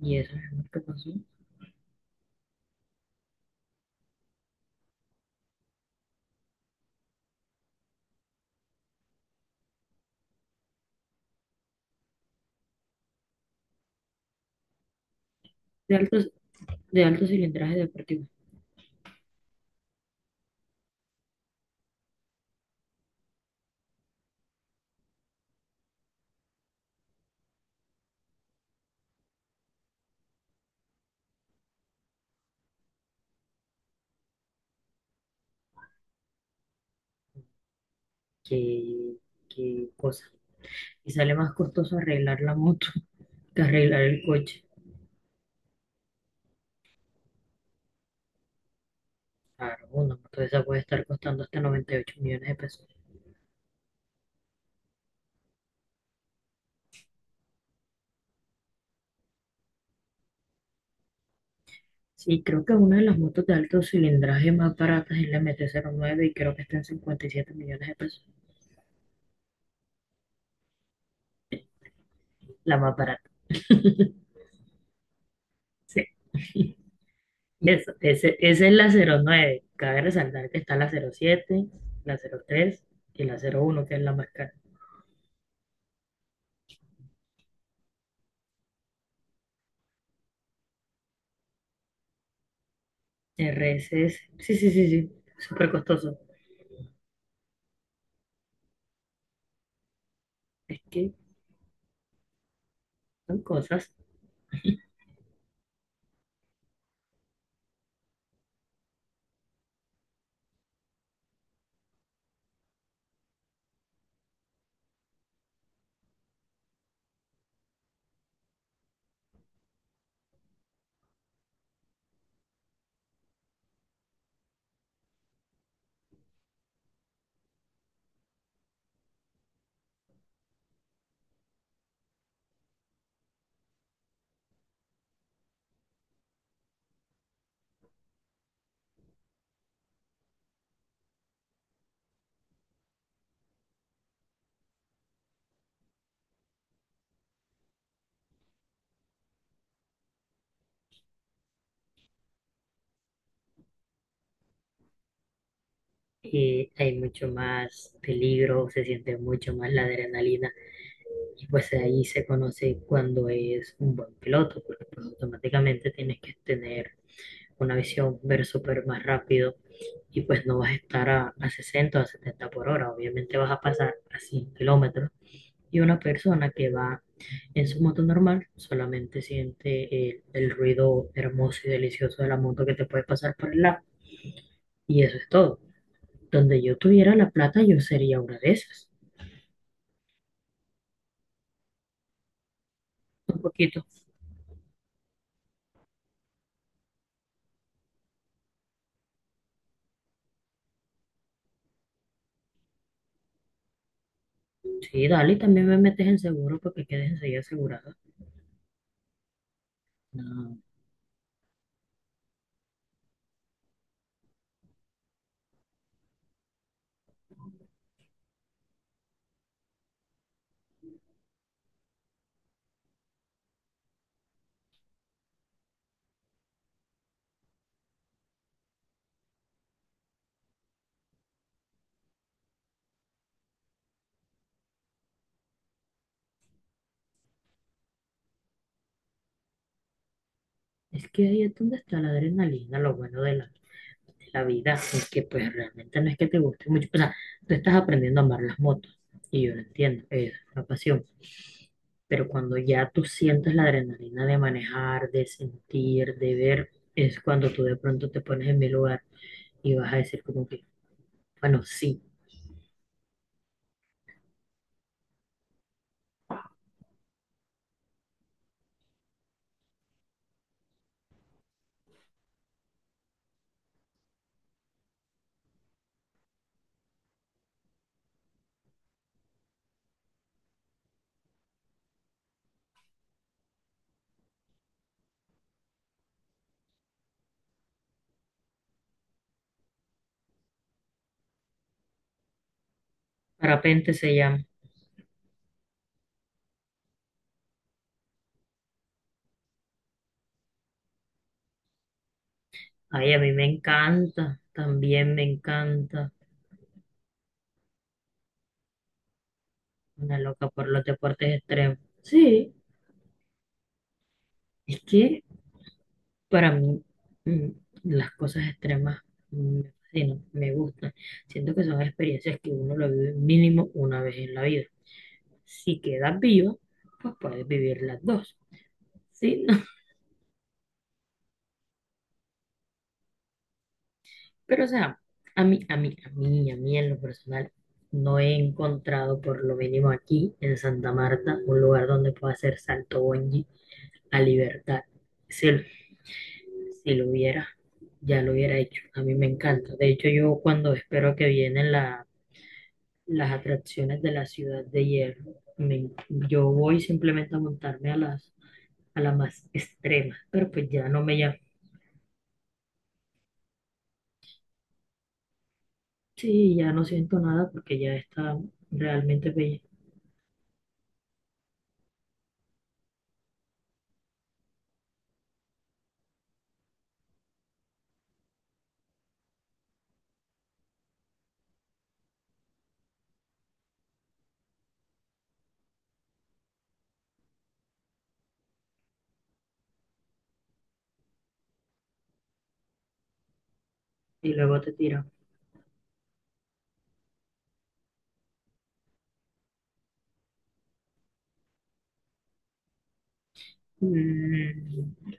Y eso, mi amor, ¿qué pasó? De altos, de alto cilindraje deportivo. Qué, qué cosa. Y sale más costoso arreglar la moto que arreglar el coche. Claro, una moto de esa puede estar costando hasta 98 millones de pesos. Sí, creo que una de las motos de alto cilindraje más baratas es la MT09 y creo que está en 57 millones de pesos. La más barata. Sí. Esa es la 09. Cabe resaltar que está la 07, la 03 y la 01, que es la más cara. RSS. Sí, sí, sí, sí. Súper costoso. Es que son cosas, y hay mucho más peligro, se siente mucho más la adrenalina. Y pues ahí se conoce cuando es un buen piloto, porque pues automáticamente tienes que tener una visión, ver súper más rápido. Y pues no vas a estar a 60 o a 70 por hora. Obviamente vas a pasar a 100 kilómetros. Y una persona que va en su moto normal solamente siente el ruido hermoso y delicioso de la moto que te puede pasar por el lado. Y eso es todo. Donde yo tuviera la plata, yo sería una de esas. Un poquito. Sí, dale, y también me metes en seguro porque quedes enseguida asegurada. No, es que ahí es donde está la adrenalina, lo bueno de la vida, porque pues realmente no es que te guste mucho. O sea, tú estás aprendiendo a amar las motos y yo lo entiendo, es una pasión. Pero cuando ya tú sientes la adrenalina de manejar, de sentir, de ver, es cuando tú de pronto te pones en mi lugar y vas a decir como que, bueno, sí, parapente se llama. Ay, a mí me encanta, también me encanta, una loca por los deportes extremos. Sí, es que para mí, mm, las cosas extremas me fascinan, me gustan. Siento que son experiencias que uno lo vive mínimo una vez en la vida. Si quedas vivo, pues puedes vivir las dos. Sí, no. Pero o sea, a mí en lo personal, no he encontrado por lo mínimo aquí en Santa Marta un lugar donde pueda hacer salto bungee a libertad. Si, lo- si lo hubiera, ya lo hubiera hecho. A mí me encanta. De hecho, yo cuando espero que vienen la las atracciones de la ciudad de hierro. Yo voy simplemente a montarme a las más extremas, pero pues ya no me llamo. Sí, ya no siento nada porque ya está realmente bella. Y luego te tiran. Mm,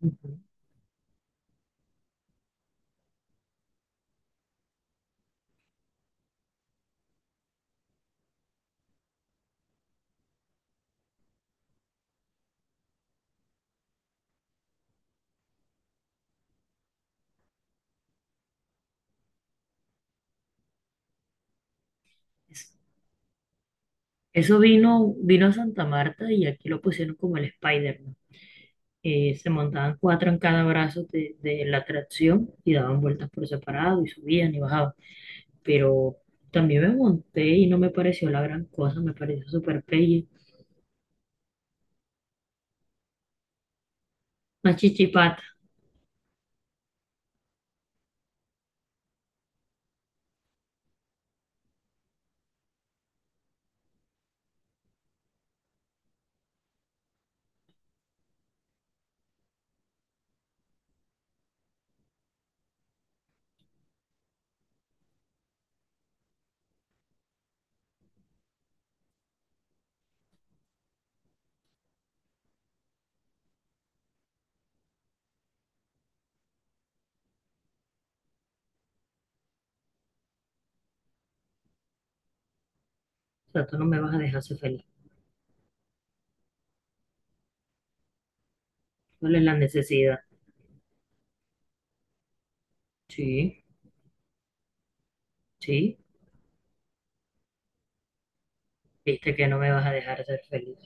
ujú. Es- Eso vino a Santa Marta y aquí lo pusieron como el Spider-Man. Se montaban cuatro en cada brazo de la atracción y daban vueltas por separado y subían y bajaban. Pero también me monté y no me pareció la gran cosa, me pareció súper pelle. Una chichipata. O sea, tú no me vas a dejar ser feliz, ¿cuál es la necesidad? Sí, sí, viste que no me vas a dejar ser feliz.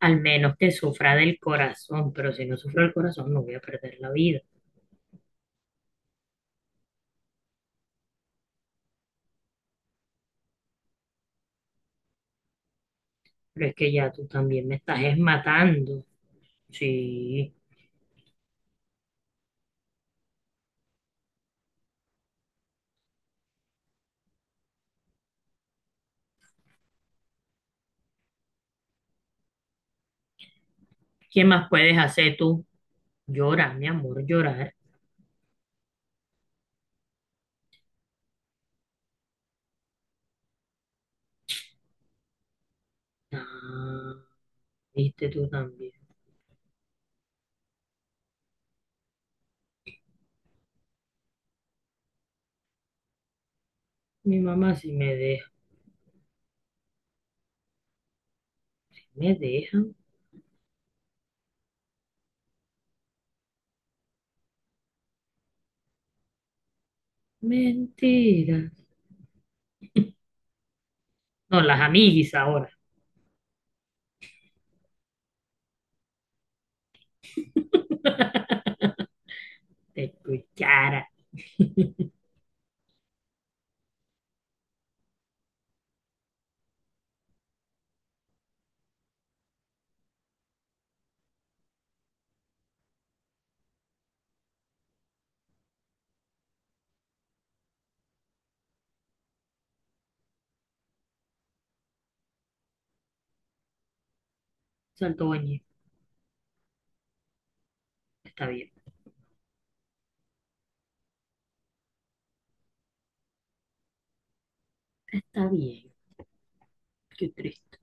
Al menos que sufra del corazón, pero si no sufro del corazón no voy a perder la vida. Pero es que ya tú también me estás es matando. Sí, ¿qué más puedes hacer tú? Llorar, mi amor, llorar. Ah, viste tú también. Mi mamá sí me deja, me deja. Mentiras. No, las amiguis ahora. Te escuchara. Salto Bañez. Está bien. Está bien. Qué triste.